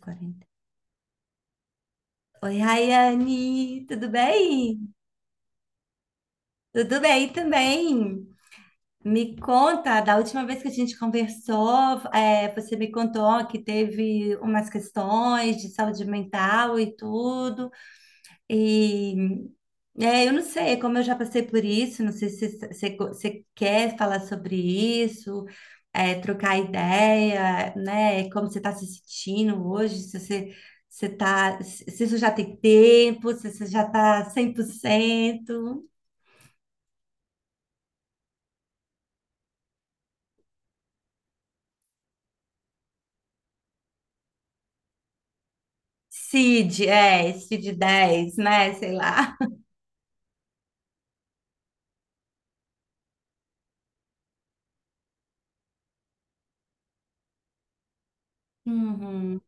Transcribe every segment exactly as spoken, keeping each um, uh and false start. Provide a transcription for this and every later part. quarenta. Oi, Rayane, tudo bem? Tudo bem também. Me conta, da última vez que a gente conversou, é, você me contou que teve umas questões de saúde mental e tudo. E é, eu não sei, como eu já passei por isso, não sei se você quer falar sobre isso, é, trocar ideia, né? Como você está se sentindo hoje, se você, você tá, se se isso já tem tempo, se você já está cem por cento. C I D, é, C I D dez, né? Sei lá. Uhum,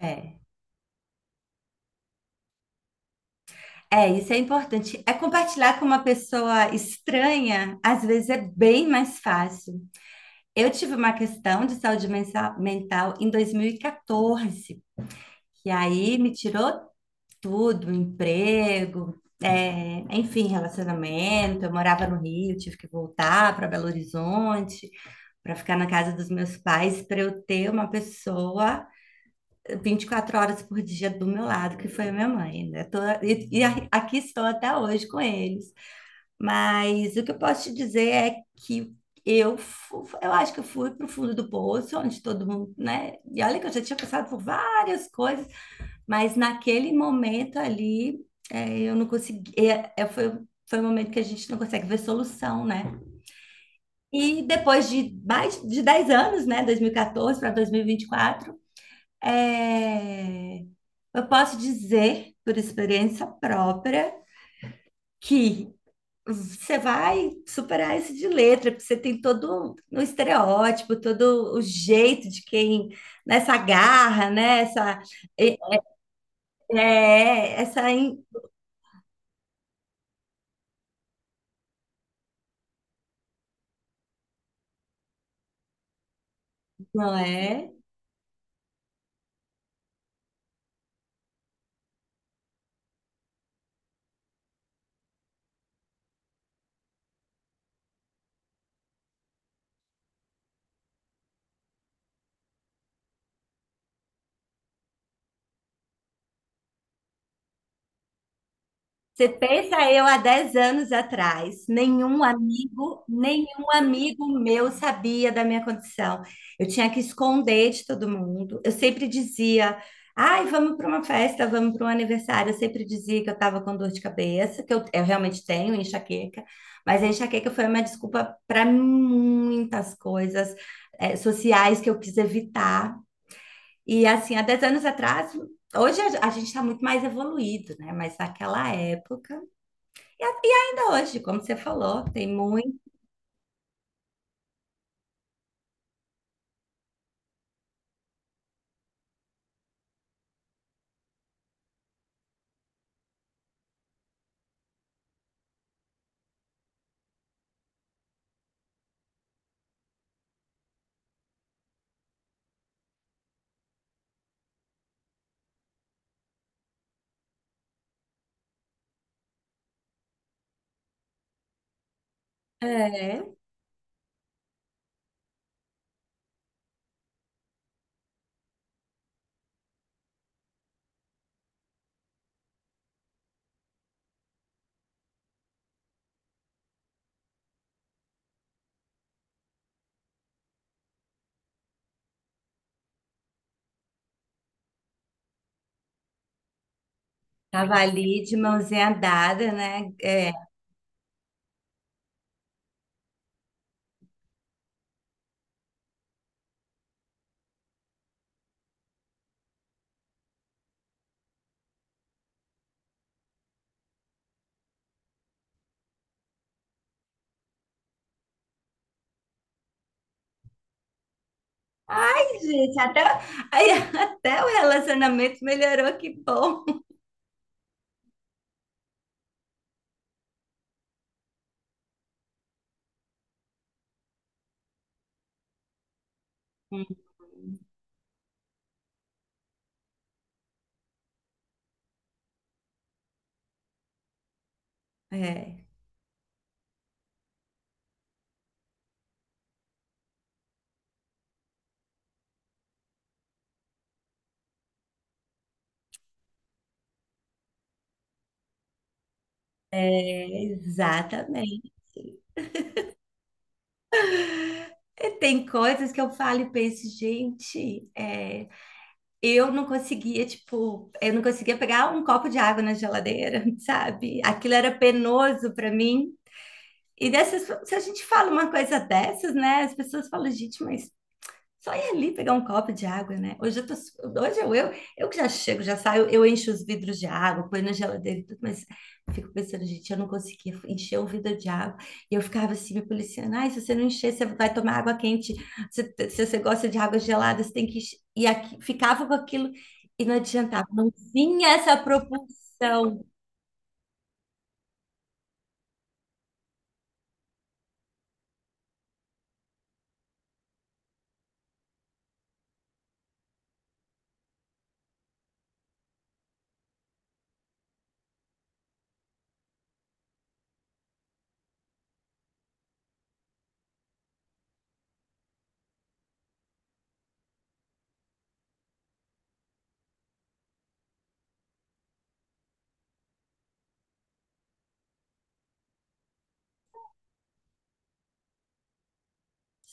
é. É, isso é importante. É compartilhar com uma pessoa estranha, às vezes é bem mais fácil. Eu tive uma questão de saúde mensa- mental em dois mil e quatorze, que aí me tirou tudo, emprego, é, enfim, relacionamento. Eu morava no Rio, tive que voltar para Belo Horizonte para ficar na casa dos meus pais, para eu ter uma pessoa vinte e quatro horas por dia do meu lado, que foi a minha mãe, né? Tô- e e a- aqui estou até hoje com eles. Mas o que eu posso te dizer é que eu, fu- eu acho que eu fui para o fundo do poço, onde todo mundo, né? E olha que eu já tinha passado por várias coisas, mas naquele momento ali, é, eu não consegui. É, é, foi, foi um momento que a gente não consegue ver solução, né? E depois de mais de dez anos, né? dois mil e quatorze para dois mil e vinte e quatro, é, eu posso dizer, por experiência própria, que você vai superar isso de letra, porque você tem todo um um estereótipo, todo o jeito de quem, nessa garra, né? Essa, é, é, essa, in- Não é? Você pensa eu há dez anos atrás, nenhum amigo, nenhum amigo meu sabia da minha condição. Eu tinha que esconder de todo mundo. Eu sempre dizia, ai, vamos para uma festa, vamos para um aniversário. Eu sempre dizia que eu estava com dor de cabeça, que eu, eu realmente tenho enxaqueca, mas a enxaqueca foi uma desculpa para muitas coisas, eh, sociais que eu quis evitar. E assim, há dez anos atrás, hoje a a gente está muito mais evoluído, né? Mas naquela época. E, a- e ainda hoje, como você falou, tem muito. É, tava ali de mãozinha dada, né? É. Ai, gente, até, aí, até o relacionamento melhorou, que bom. Hum. É, é, exatamente. E tem coisas que eu falo e penso, gente, é, eu não conseguia, tipo, eu não conseguia pegar um copo de água na geladeira, sabe? Aquilo era penoso para mim. E dessas, se a gente fala uma coisa dessas, né? As pessoas falam, gente, mas só ir ali pegar um copo de água, né? Hoje eu tô, hoje eu, eu, eu que já chego, já saio, eu encho os vidros de água, põe na geladeira e tudo, mas eu fico pensando, gente, eu não conseguia encher um vidro de água. E eu ficava assim, me policiando, ai, se você não encher, você vai tomar água quente. Se, se você gosta de água gelada, você tem que encher. E aqui, ficava com aquilo e não adiantava, não vinha essa propulsão.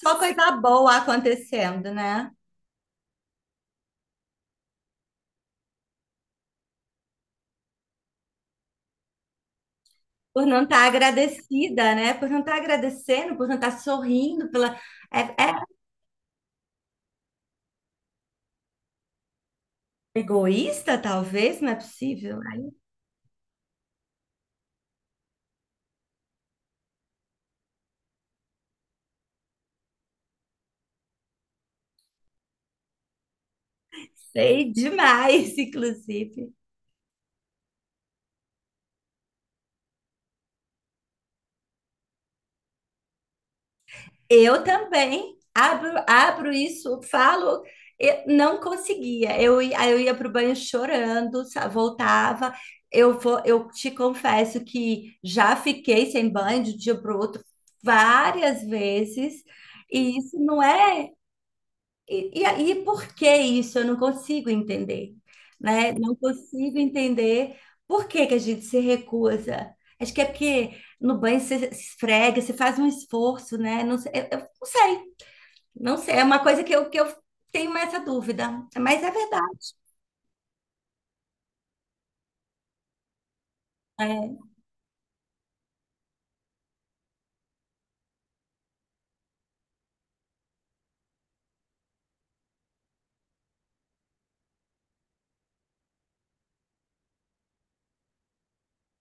Só coisa boa acontecendo, né? Por não estar agradecida, né? Por não estar agradecendo, por não estar sorrindo pela. É, é egoísta, talvez, não é possível. Ai, sei demais, inclusive. Eu também abro, abro isso, falo, eu não conseguia. Eu, ia- aí eu ia para o banho chorando, sa- voltava. Eu vou, eu te confesso que já fiquei sem banho de um dia para o outro várias vezes, e isso não é. E, e aí, por que isso? Eu não consigo entender, né? Não consigo entender por que que a gente se recusa. Acho que é porque no banho você se esfrega, você faz um esforço, né? Não sei, eu, eu não sei, não sei. É uma coisa que eu, que eu tenho mais essa dúvida, mas é verdade. É,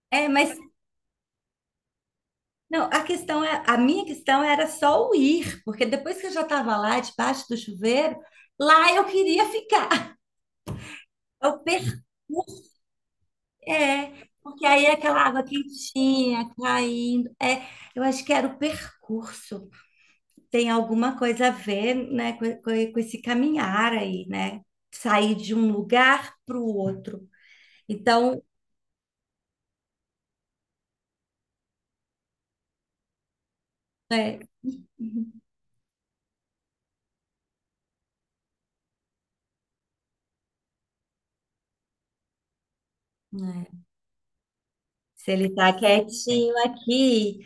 É, mas não, a questão é, a minha questão era só o ir, porque depois que eu já estava lá, debaixo do chuveiro, lá eu queria ficar. Eu perdi. É, porque aí é aquela água quentinha caindo. É, eu acho que era o percurso. Tem alguma coisa a ver, né, com, com- com esse caminhar aí, né? Sair de um lugar para o outro. Então, é. Uhum. É. Se ele está quietinho aqui,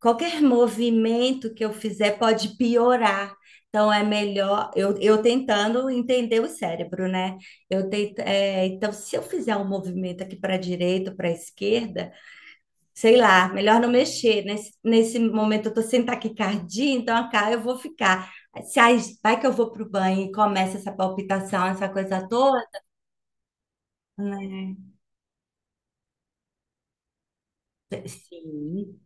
qualquer movimento que eu fizer pode piorar. Então é melhor eu, eu tentando entender o cérebro, né? Eu tento, é, então, se eu fizer um movimento aqui para a direita, para a esquerda, sei lá, melhor não mexer. Nesse, nesse momento eu estou sem taquicardia, então acá eu vou ficar. Se aí vai que eu vou para o banho e começa essa palpitação, essa coisa toda, né? Sim.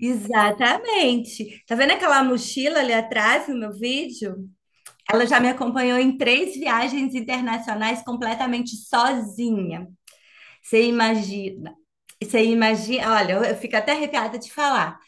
Exatamente. Tá vendo aquela mochila ali atrás no meu vídeo? Ela já me acompanhou em três viagens internacionais completamente sozinha. Você imagina? Você imagina? Olha, eu eu fico até arrepiada de falar.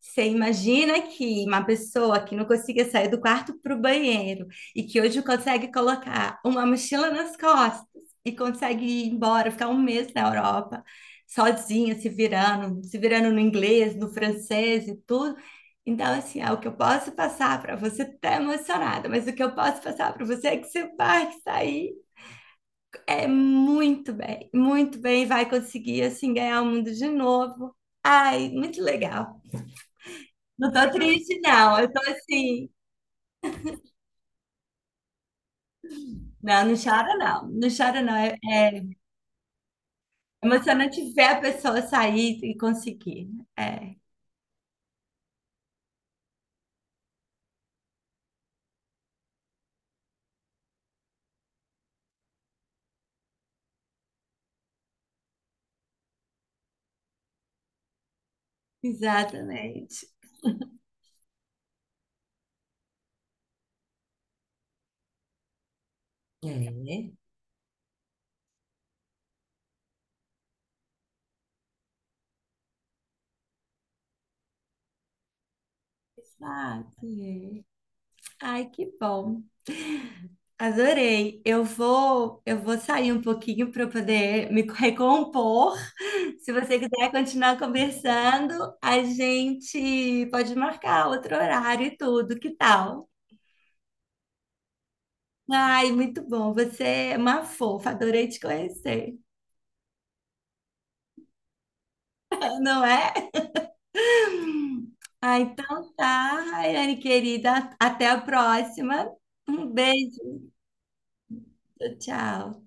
Você imagina que uma pessoa que não conseguia sair do quarto para o banheiro e que hoje consegue colocar uma mochila nas costas e consegue ir embora, ficar um mês na Europa, sozinha, se virando, se virando no inglês, no francês e tudo. Então, assim, é o que eu posso passar para você, tá emocionada, mas o que eu posso passar para você é que você vai sair é muito bem, muito bem, vai conseguir, assim, ganhar o mundo de novo. Ai, muito legal. Não tô triste, não. Eu tô assim. Não, não chora, não. Não chora, não. É emocionante ver a pessoa sair e conseguir. É, exatamente. É. Exato. É. Ai, que bom. Adorei. Eu vou, eu vou sair um pouquinho para poder me recompor. Se você quiser continuar conversando, a gente pode marcar outro horário e tudo. Que tal? Ai, muito bom. Você é uma fofa. Adorei te conhecer. Não é? Ah, então tá, Raiane querida. Até a próxima. Um beijo. Tchau.